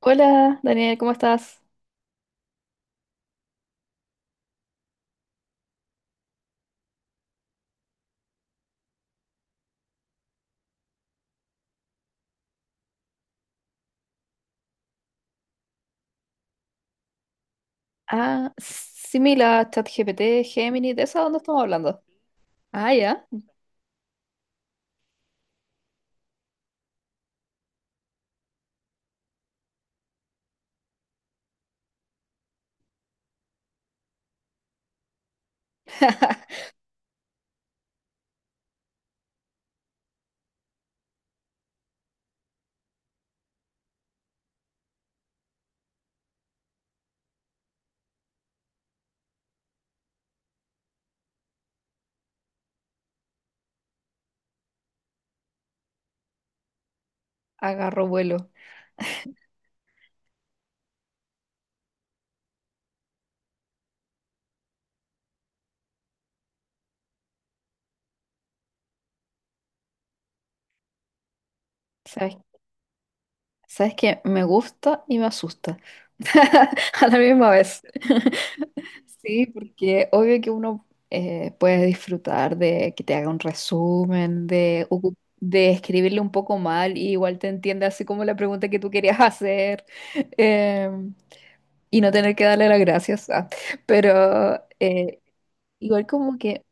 Hola, Daniel, ¿cómo estás? Ah, similar, ChatGPT, Gemini, ¿de eso dónde estamos hablando? Ah, ya. Agarro vuelo. ¿Sabes, sabes qué? Me gusta y me asusta. A la misma vez. Sí, porque obvio que uno puede disfrutar de que te haga un resumen, de escribirle un poco mal y igual te entiende así como la pregunta que tú querías hacer em, y no tener que darle las gracias. Ah. Pero igual como que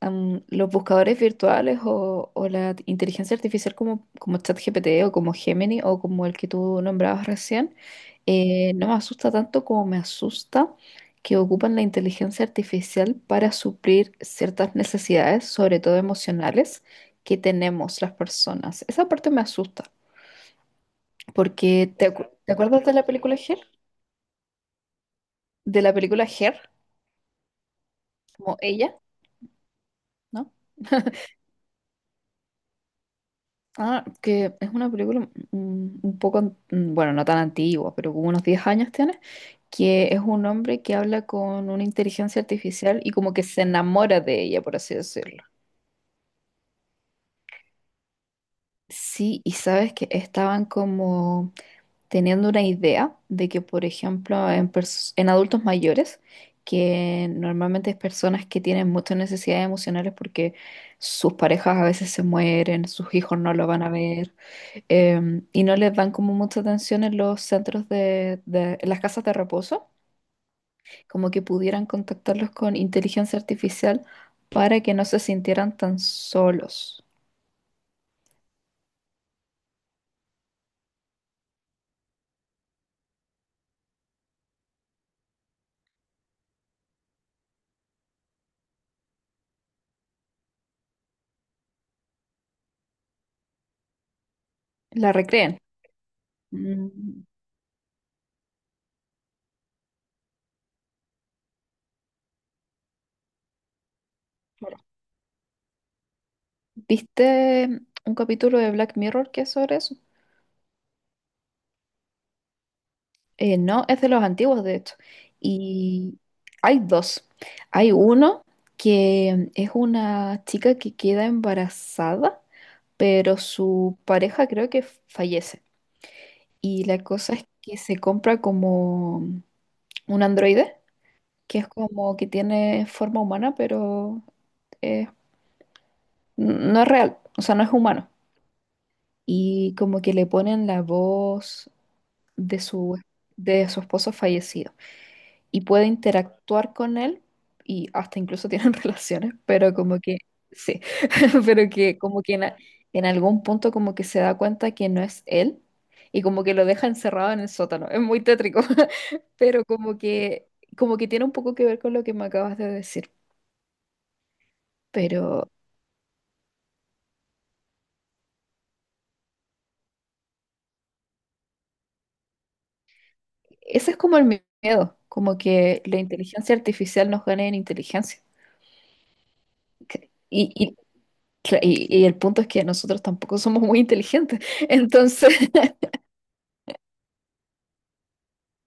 los buscadores virtuales o la inteligencia artificial como, como ChatGPT o como Gemini o como el que tú nombrabas recién, no me asusta tanto como me asusta que ocupan la inteligencia artificial para suplir ciertas necesidades, sobre todo emocionales, que tenemos las personas. Esa parte me asusta, porque ¿ te acuerdas de la película Her? De la película Her, como ella, ¿no? Ah, que es una película un poco, bueno, no tan antigua, pero como unos 10 años tiene, que es un hombre que habla con una inteligencia artificial y como que se enamora de ella, por así decirlo. Sí, y sabes que estaban como teniendo una idea de que, por ejemplo, en adultos mayores, que normalmente es personas que tienen muchas necesidades emocionales porque sus parejas a veces se mueren, sus hijos no lo van a ver. Y no les dan como mucha atención en los en las casas de reposo, como que pudieran contactarlos con inteligencia artificial para que no se sintieran tan solos. La recreen. Mm, claro. ¿Viste un capítulo de Black Mirror que es sobre eso? No, es de los antiguos, de hecho. Y hay dos. Hay uno que es una chica que queda embarazada, pero su pareja creo que fallece. Y la cosa es que se compra como un androide, que es como que tiene forma humana, pero eh, no es real, o sea, no es humano. Y como que le ponen la voz de su, de su esposo fallecido. Y puede interactuar con él y hasta incluso tienen relaciones, pero como que, sí, pero que como que en, a- en algún punto como que se da cuenta que no es él y como que lo deja encerrado en el sótano. Es muy tétrico, pero como que tiene un poco que ver con lo que me acabas de decir. Pero ese es como el miedo, como que la inteligencia artificial nos gane en inteligencia. Que- Y, y, y y el punto es que nosotros tampoco somos muy inteligentes, entonces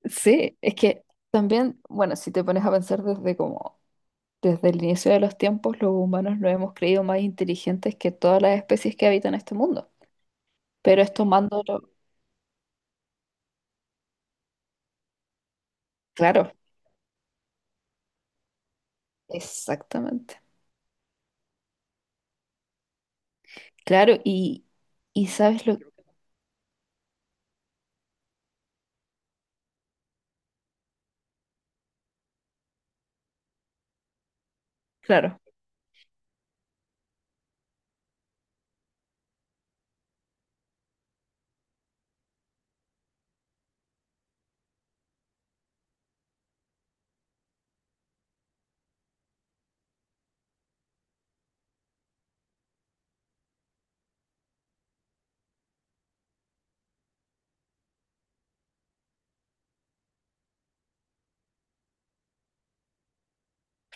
Sí, es que también, bueno, si te pones a pensar desde como desde el inicio de los tiempos, los humanos nos hemos creído más inteligentes que todas las especies que habitan este mundo. Pero es tomándolo, claro, exactamente. Claro, y, y sabes lo, claro,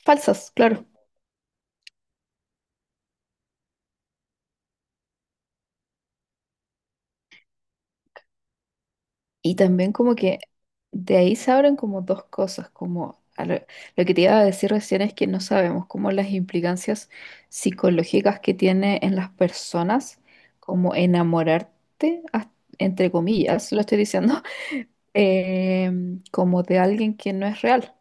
falsas, claro. Y también como que de ahí se abren como dos cosas, como a lo que te iba a decir recién es que no sabemos como las implicancias psicológicas que tiene en las personas, como enamorarte, entre comillas, lo estoy diciendo, eh, como de alguien que no es real.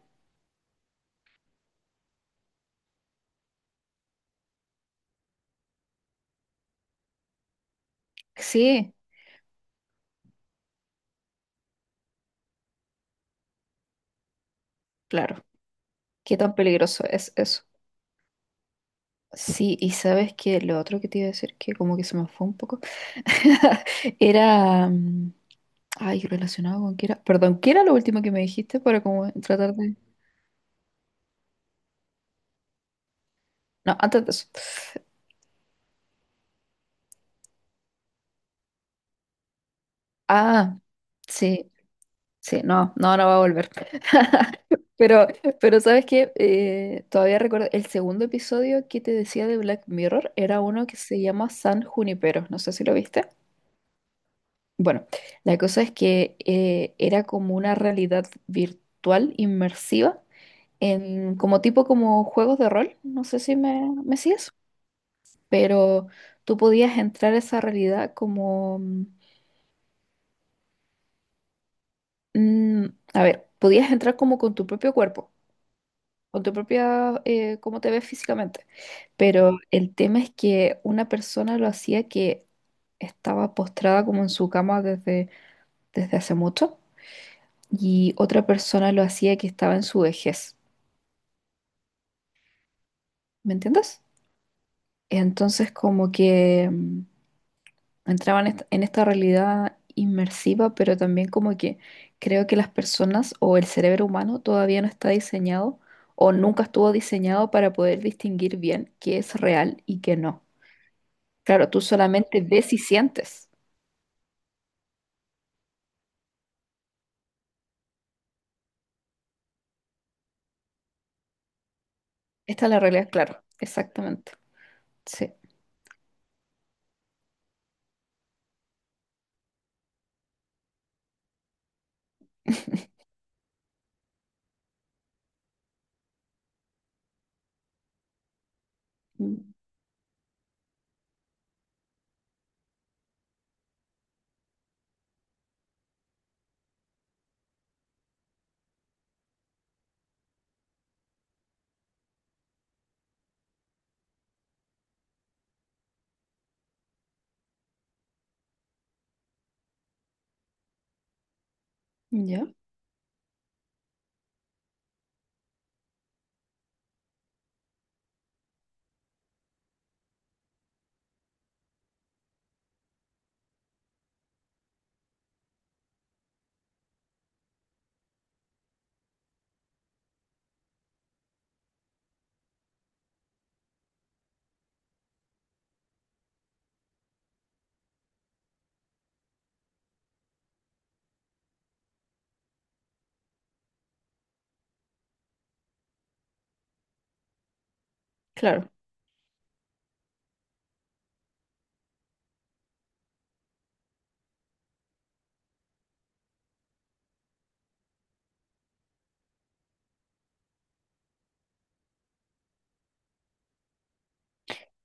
Sí, claro, qué tan peligroso es eso. Sí, y sabes que lo otro que te iba a decir, que como que se me fue un poco, era... mm, ay, relacionado con qué era. Perdón, ¿qué era lo último que me dijiste para como tratar de. No, antes de eso. Ah, sí, sí, no, no, no va a volver. Pero, pero ¿sabes qué? Todavía recuerdo el segundo episodio que te decía de Black Mirror era uno que se llama San Junipero. No sé si lo viste. Bueno, la cosa es que era como una realidad virtual inmersiva en como tipo como juegos de rol. No sé si me sigues. Pero tú podías entrar a esa realidad como, mm, a ver, podías entrar como con tu propio cuerpo, con tu propia, cómo te ves físicamente, pero el tema es que una persona lo hacía que estaba postrada como en su cama desde hace mucho y otra persona lo hacía que estaba en su vejez, ¿me entiendes? Entonces como que... mm, Entraba en en esta realidad inmersiva, pero también como que creo que las personas o el cerebro humano todavía no está diseñado o nunca estuvo diseñado para poder distinguir bien qué es real y qué no. Claro, tú solamente ves y sientes. Esta es la realidad, claro, exactamente. Sí. Mm, ¿ya? Claro,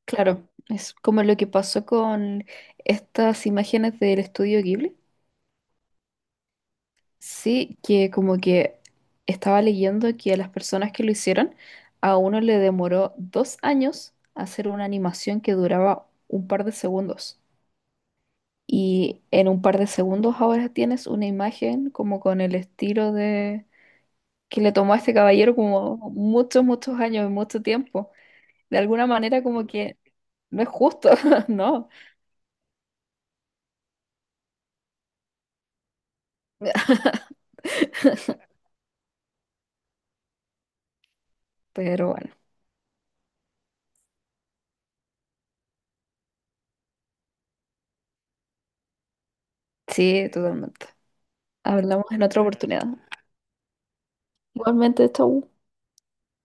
claro. Es como lo que pasó con estas imágenes del estudio Ghibli. Sí, que como que estaba leyendo que a las personas que lo hicieron, a uno le demoró 2 años hacer una animación que duraba un par de segundos. Y en un par de segundos ahora tienes una imagen como con el estilo de que le tomó a este caballero como muchos, muchos años y mucho tiempo. De alguna manera como que no es justo, ¿no? Pero bueno, sí, totalmente. Hablamos en otra oportunidad. Igualmente, chau.